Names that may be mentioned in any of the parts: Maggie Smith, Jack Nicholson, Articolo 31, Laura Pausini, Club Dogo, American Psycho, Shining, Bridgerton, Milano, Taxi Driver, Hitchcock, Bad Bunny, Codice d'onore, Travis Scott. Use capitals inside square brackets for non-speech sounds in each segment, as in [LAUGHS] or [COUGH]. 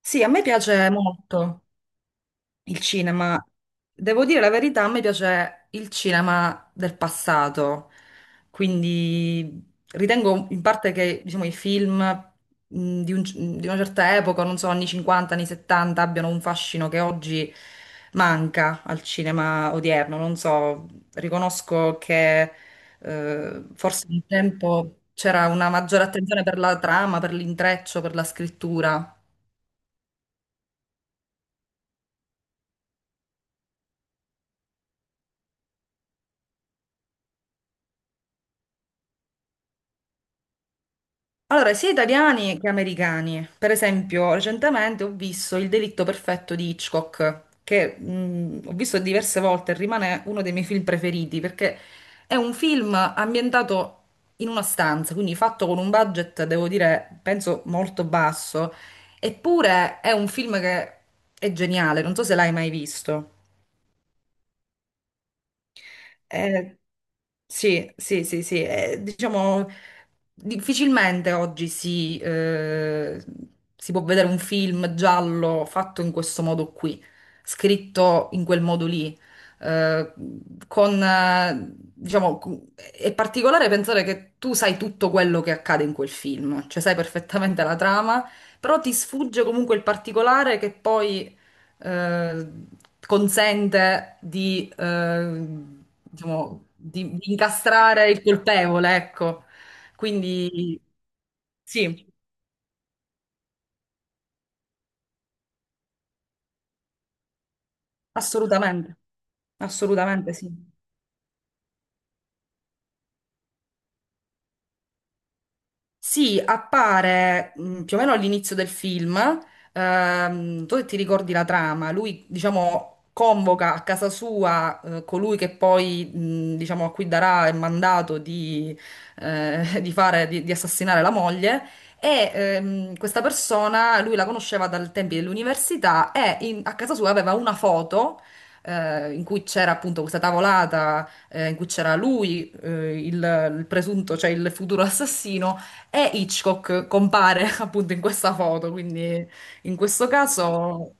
Sì, a me piace molto il cinema. Devo dire la verità, a me piace il cinema del passato. Quindi ritengo in parte che, diciamo, i film mh, di, un- di una certa epoca, non so, anni 50, anni 70, abbiano un fascino che oggi manca al cinema odierno. Non so, riconosco che forse un tempo c'era una maggiore attenzione per la trama, per l'intreccio, per la scrittura. Allora, sia italiani che americani. Per esempio, recentemente ho visto Il delitto perfetto di Hitchcock, che ho visto diverse volte e rimane uno dei miei film preferiti, perché è un film ambientato in una stanza, quindi fatto con un budget, devo dire, penso molto basso, eppure è un film che è geniale, non so se l'hai mai visto. Eh, sì, sì, sì, sì, diciamo difficilmente oggi si può vedere un film giallo fatto in questo modo qui, scritto in quel modo lì. eh, diciamo, è particolare pensare che tu sai tutto quello che accade in quel film, cioè sai perfettamente la trama, però ti sfugge comunque il particolare che poi eh, consente di, diciamo, di incastrare il colpevole, ecco. Quindi sì, assolutamente, assolutamente sì. Sì, appare più o meno all'inizio del film. Tu ti ricordi la trama? Lui, diciamo, convoca a casa sua colui che poi, diciamo, a cui darà il mandato [LAUGHS] di fare, di assassinare la moglie. E questa persona, lui la conosceva dal tempi dell'università e a casa sua aveva una foto. In cui c'era appunto questa tavolata, in cui c'era lui, il presunto, cioè il futuro [LAUGHS] assassino, e Hitchcock compare [LAUGHS] appunto in questa foto, quindi in questo caso,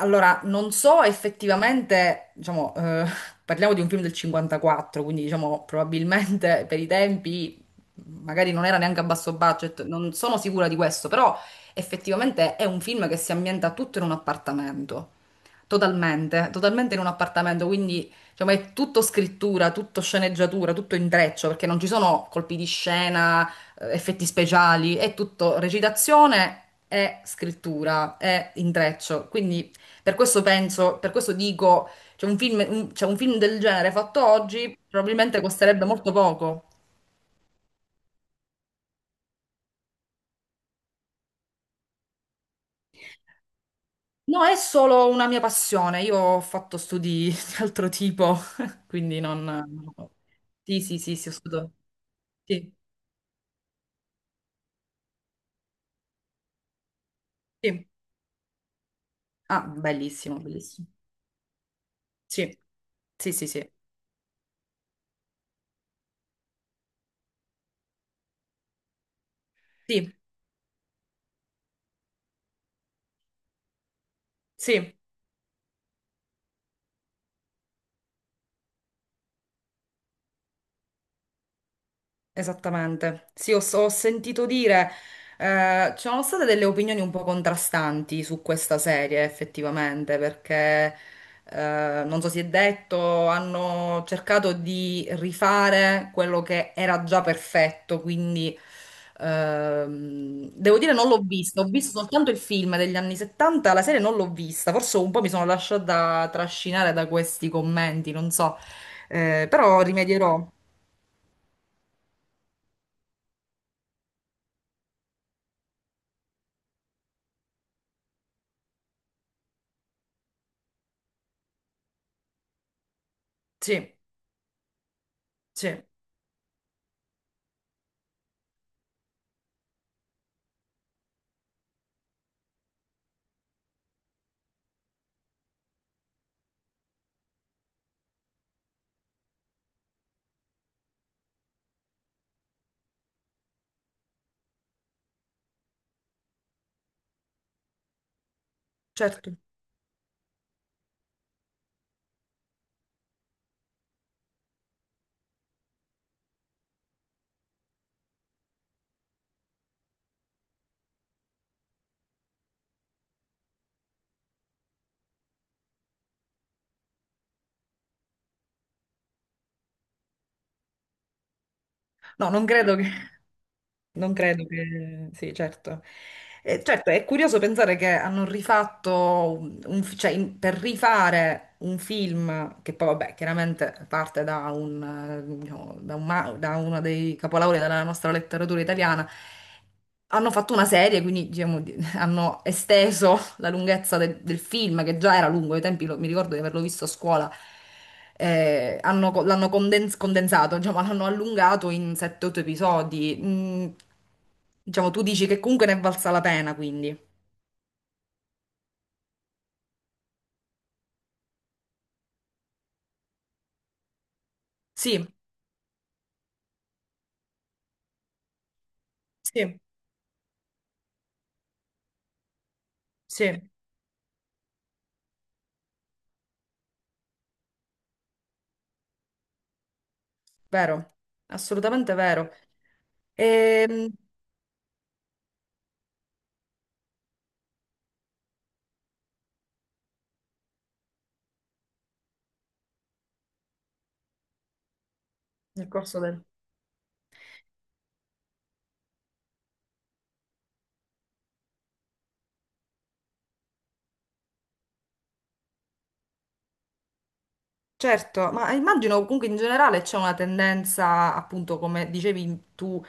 allora non so effettivamente, diciamo, [LAUGHS] parliamo di un film del 54, quindi diciamo probabilmente [LAUGHS] per i tempi magari non era neanche a basso budget, non sono sicura di questo, però effettivamente è un film che si ambienta tutto in un appartamento. Totalmente, totalmente in un appartamento, quindi diciamo, è tutto scrittura, tutto sceneggiatura, tutto intreccio, perché non ci sono colpi di scena, effetti speciali, è tutto recitazione e scrittura, è intreccio. Quindi per questo penso, per questo dico, c'è un film, cioè, un film del genere fatto oggi probabilmente costerebbe molto poco. No, è solo una mia passione, io ho fatto studi [LAUGHS] di altro tipo, [LAUGHS] quindi non, no. Sì, sì, sì, sì, ho studiato. Sì. Sì, ah, bellissimo, bellissimo. Sì, sì, sì, sì, sì, sì. Esattamente. Sì, ho sentito dire, ci sono state delle opinioni un po' contrastanti su questa serie, effettivamente, perché non so si è detto, hanno cercato di rifare quello che era già perfetto, quindi devo dire non l'ho vista, ho visto soltanto il film degli anni 70, la serie non l'ho vista, forse un po' mi sono lasciata trascinare da questi commenti, non so. Però rimedierò. Sì, sì. Certo, no, non credo che. Non credo che. Sì, certo. Certo, è curioso pensare che hanno rifatto, cioè per rifare un film che poi, vabbè, chiaramente parte da, diciamo, da uno dei capolavori della nostra letteratura italiana, hanno fatto una serie, quindi diciamo, [LAUGHS] hanno esteso la lunghezza del film, che già era lungo, ai tempi mi ricordo di averlo visto a scuola, l'hanno condensato, diciamo, l'hanno allungato in 7-8 episodi. Diciamo, tu dici che comunque ne è valsa la pena, quindi. Sì, sì, sì, vero, assolutamente vero. Ehm, nel corso del. Certo, ma immagino comunque in generale c'è una tendenza, appunto, come dicevi tu,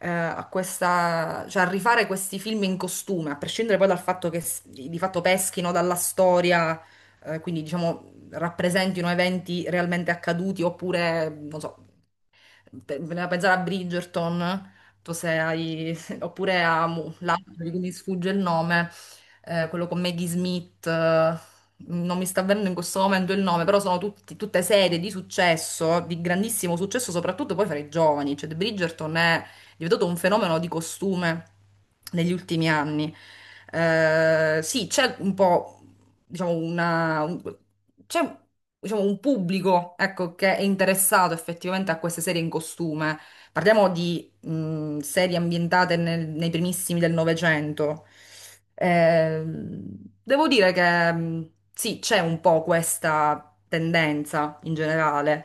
a questa, cioè a rifare questi film in costume, a prescindere poi dal fatto che di fatto peschino dalla storia, quindi diciamo rappresentino eventi realmente accaduti oppure, non so. Voleva pensare a Bridgerton, tu se hai, [LAUGHS] oppure l'altro di cui mi sfugge il nome, quello con Maggie Smith, non mi sta avvenendo in questo momento il nome, però sono tutte serie di successo, di grandissimo successo, soprattutto poi fra i giovani, cioè The Bridgerton è diventato un fenomeno di costume negli ultimi anni. Sì, c'è un po', diciamo, c'è diciamo, un pubblico, ecco, che è interessato effettivamente a queste serie in costume. Parliamo di serie ambientate nei primissimi del Novecento. Devo dire che sì, c'è un po' questa tendenza in generale.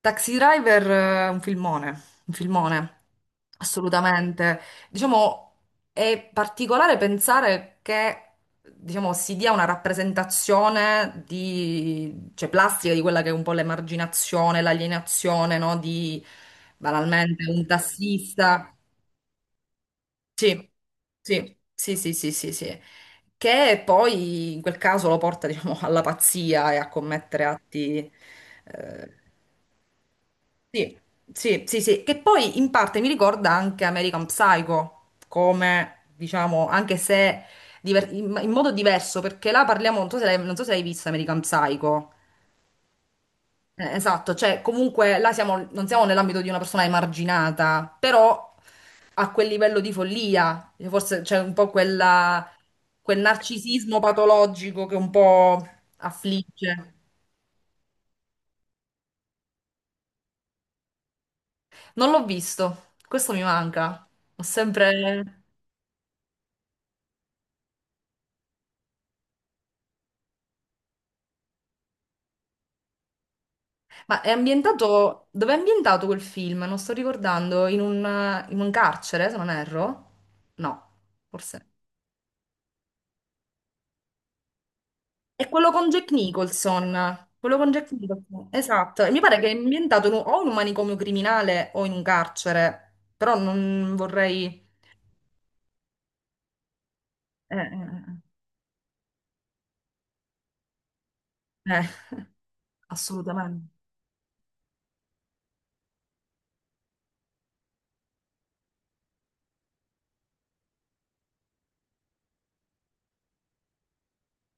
Taxi Driver è un filmone, assolutamente. Diciamo, è particolare pensare che, diciamo, si dia una rappresentazione di, cioè, plastica di quella che è un po' l'emarginazione, l'alienazione, no? Di, banalmente, un tassista. Sì, sì, sì, sì, sì, sì, sì. Che poi in quel caso lo porta, diciamo, alla pazzia e a commettere atti eh, sì, sì, sì, sì, che poi in parte mi ricorda anche American Psycho, come diciamo, anche se in modo diverso, perché là parliamo, non so se l'hai visto American Psycho. Esatto, cioè comunque là siamo, non siamo nell'ambito di una persona emarginata, però a quel livello di follia, forse c'è un po' quella, quel narcisismo patologico che un po' affligge. Non l'ho visto, questo mi manca. Ho sempre. Ma è ambientato. Dove è ambientato quel film? Non sto ricordando. In un carcere, se non erro? No, forse. È quello con Jack Nicholson. Quello con Jack Nicholson. Esatto. E mi pare che è ambientato o in un manicomio criminale o in un carcere. Però non vorrei. Eh, eh, eh, eh, assolutamente.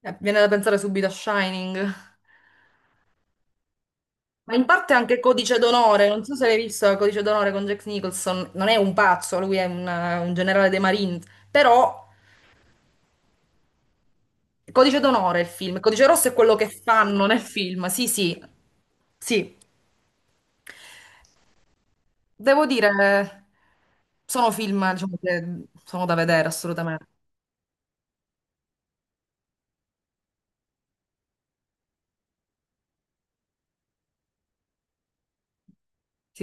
Viene da pensare subito a Shining. Ma in parte anche Codice d'onore, non so se l'hai visto Codice d'onore con Jack Nicholson, non è un pazzo, lui è un generale dei Marines, però Codice d'onore è il film, Codice rosso è quello che fanno nel film, sì, sì, sì, devo dire, sono film, diciamo, che sono da vedere assolutamente. Sì.